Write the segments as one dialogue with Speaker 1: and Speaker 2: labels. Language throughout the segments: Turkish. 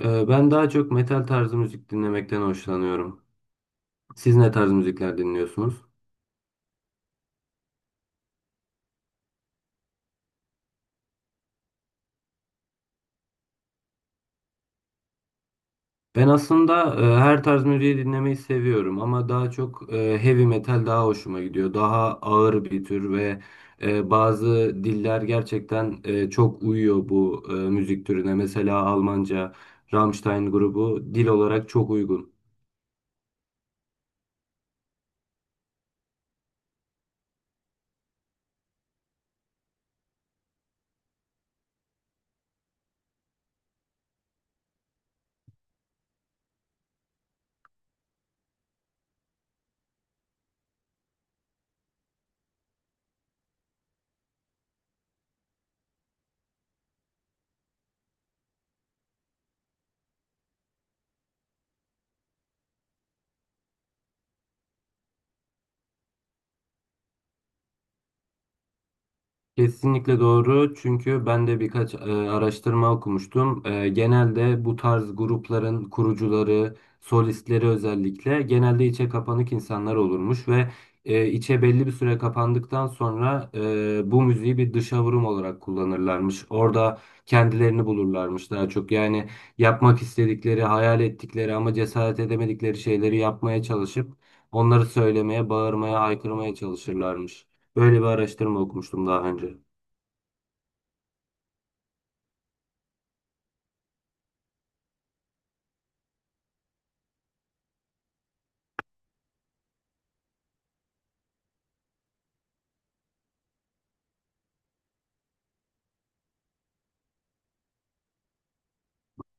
Speaker 1: Ben daha çok metal tarzı müzik dinlemekten hoşlanıyorum. Siz ne tarz müzikler dinliyorsunuz? Ben aslında her tarz müziği dinlemeyi seviyorum ama daha çok heavy metal daha hoşuma gidiyor. Daha ağır bir tür ve bazı diller gerçekten çok uyuyor bu müzik türüne. Mesela Almanca, Rammstein grubu dil olarak çok uygun. Kesinlikle doğru çünkü ben de birkaç araştırma okumuştum. Genelde bu tarz grupların kurucuları, solistleri özellikle genelde içe kapanık insanlar olurmuş ve içe belli bir süre kapandıktan sonra bu müziği bir dışa vurum olarak kullanırlarmış. Orada kendilerini bulurlarmış daha çok. Yani yapmak istedikleri, hayal ettikleri ama cesaret edemedikleri şeyleri yapmaya çalışıp onları söylemeye, bağırmaya, haykırmaya çalışırlarmış. Böyle bir araştırma okumuştum daha önce.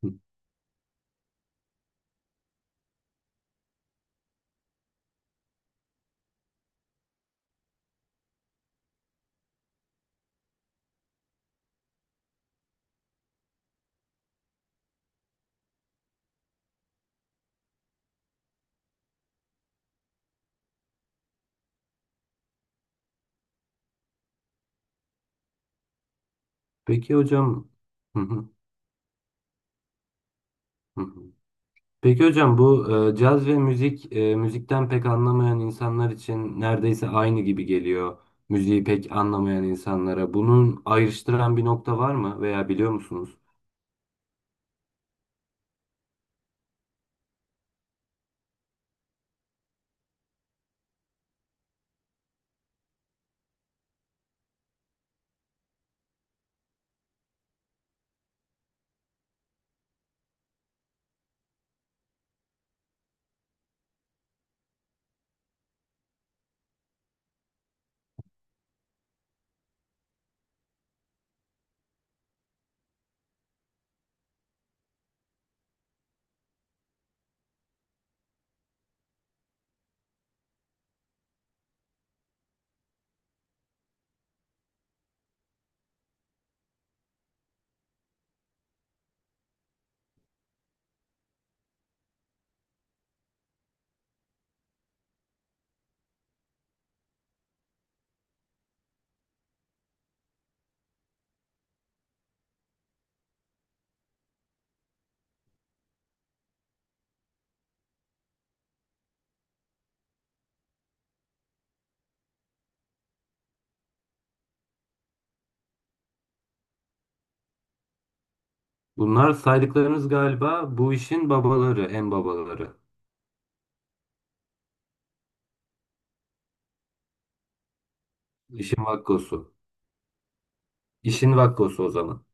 Speaker 1: Hı. Peki hocam. Hı hı, hı hı. Peki hocam, bu caz ve müzik müzikten pek anlamayan insanlar için neredeyse aynı gibi geliyor. Müziği pek anlamayan insanlara. Bunun ayrıştıran bir nokta var mı veya biliyor musunuz? Bunlar saydıklarınız galiba bu işin babaları, en babaları. İşin vakkosu. İşin vakkosu o zaman.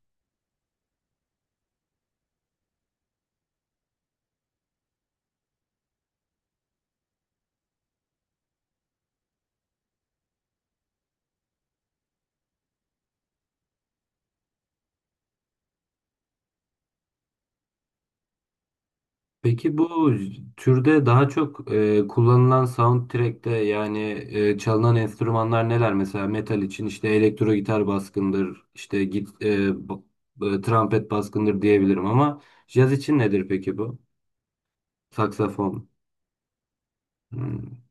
Speaker 1: Peki bu türde daha çok kullanılan soundtrack'te yani çalınan enstrümanlar neler? Mesela metal için işte elektro gitar baskındır, işte git, e, b- e, trompet baskındır diyebilirim ama caz için nedir peki bu? Saksafon. Hmm.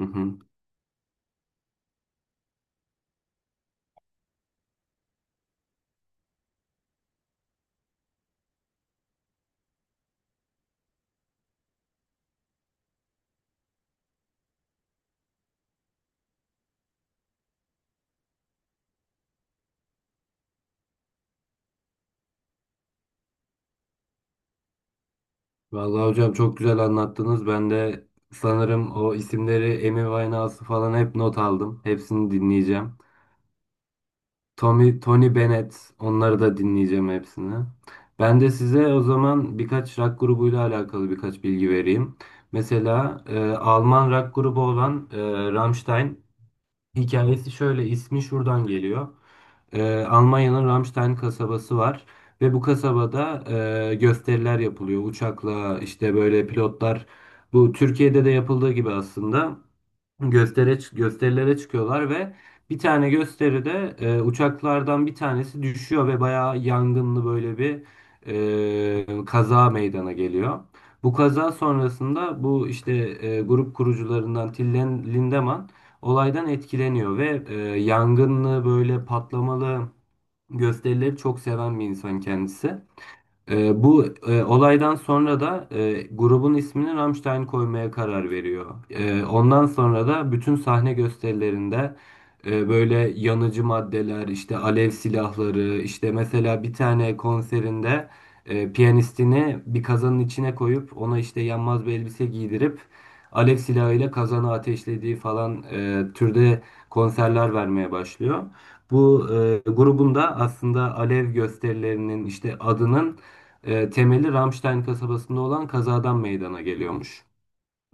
Speaker 1: Hı hı. Vallahi hocam çok güzel anlattınız. Ben de sanırım o isimleri, Amy Winehouse'u falan hep not aldım. Hepsini dinleyeceğim. Tony Bennett, onları da dinleyeceğim hepsini. Ben de size o zaman birkaç rock grubuyla alakalı birkaç bilgi vereyim. Mesela Alman rock grubu olan Rammstein hikayesi şöyle, ismi şuradan geliyor. Almanya'nın Ramstein kasabası var ve bu kasabada gösteriler yapılıyor. Uçakla işte böyle pilotlar, bu Türkiye'de de yapıldığı gibi aslında gösterilere çıkıyorlar ve bir tane gösteride uçaklardan bir tanesi düşüyor ve bayağı yangınlı böyle bir kaza meydana geliyor. Bu kaza sonrasında bu işte grup kurucularından Lindemann olaydan etkileniyor ve yangınlı böyle patlamalı gösterileri çok seven bir insan kendisi. Bu olaydan sonra da grubun ismini Rammstein koymaya karar veriyor. Ondan sonra da bütün sahne gösterilerinde böyle yanıcı maddeler, işte alev silahları, işte mesela bir tane konserinde piyanistini bir kazanın içine koyup ona işte yanmaz bir elbise giydirip alev silahıyla kazanı ateşlediği falan türde konserler vermeye başlıyor. Bu grubun da aslında alev gösterilerinin işte adının temeli, Ramstein kasabasında olan kazadan meydana geliyormuş.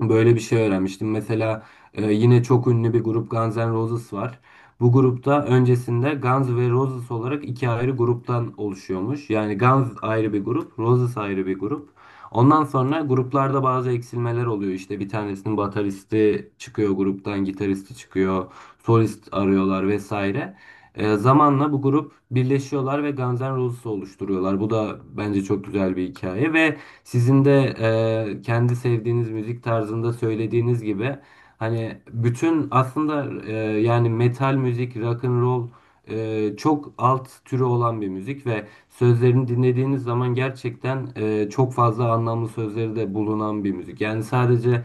Speaker 1: Böyle bir şey öğrenmiştim. Mesela yine çok ünlü bir grup Guns N' Roses var. Bu grupta öncesinde Guns ve Roses olarak iki ayrı gruptan oluşuyormuş. Yani Guns ayrı bir grup, Roses ayrı bir grup. Ondan sonra gruplarda bazı eksilmeler oluyor. İşte bir tanesinin bataristi çıkıyor gruptan, gitaristi çıkıyor, solist arıyorlar vesaire. Zamanla bu grup birleşiyorlar ve Guns N' Roses oluşturuyorlar. Bu da bence çok güzel bir hikaye ve sizin de kendi sevdiğiniz müzik tarzında söylediğiniz gibi, hani bütün aslında yani metal müzik, rock and roll çok alt türü olan bir müzik ve sözlerini dinlediğiniz zaman gerçekten çok fazla anlamlı sözleri de bulunan bir müzik. Yani sadece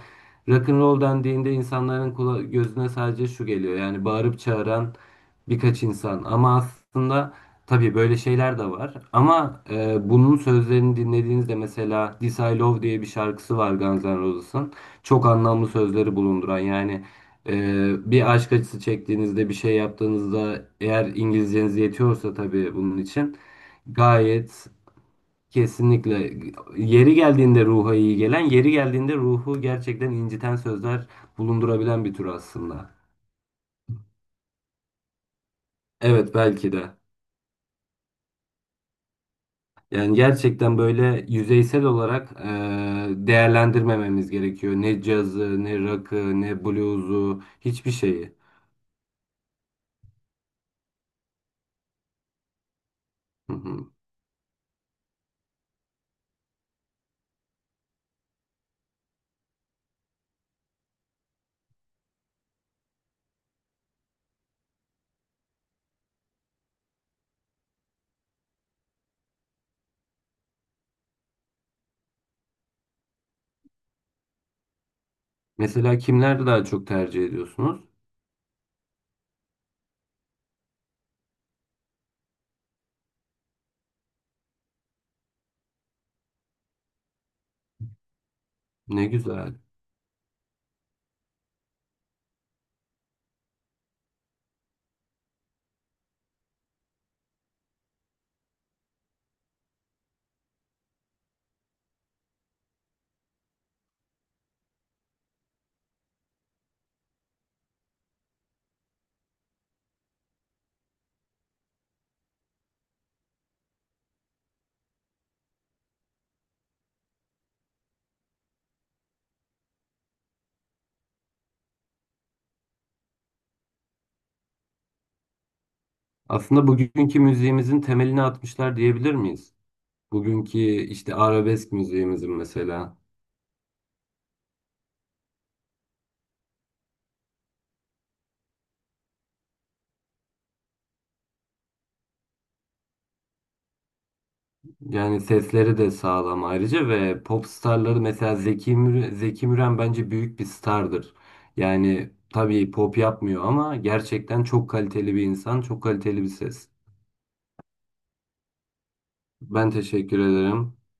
Speaker 1: rock and roll dendiğinde insanların gözüne sadece şu geliyor, yani bağırıp çağıran birkaç insan ama aslında tabii böyle şeyler de var ama bunun sözlerini dinlediğinizde mesela This I Love diye bir şarkısı var Guns N' Roses'ın. Çok anlamlı sözleri bulunduran yani e, bir aşk acısı çektiğinizde, bir şey yaptığınızda, eğer İngilizceniz yetiyorsa tabii bunun için gayet, kesinlikle, yeri geldiğinde ruha iyi gelen, yeri geldiğinde ruhu gerçekten inciten sözler bulundurabilen bir tür aslında. Evet belki de. Yani gerçekten böyle yüzeysel olarak değerlendirmememiz gerekiyor. Ne cazı, ne rock'ı, ne blues'u, hiçbir şeyi. Hı hı. Mesela kimler daha çok tercih ediyorsunuz? Ne güzel. Aslında bugünkü müziğimizin temelini atmışlar diyebilir miyiz? Bugünkü işte arabesk müziğimizin mesela. Yani sesleri de sağlam ayrıca ve pop starları, mesela Zeki Müren bence büyük bir stardır. Yani tabii pop yapmıyor ama gerçekten çok kaliteli bir insan, çok kaliteli bir ses. Ben teşekkür ederim.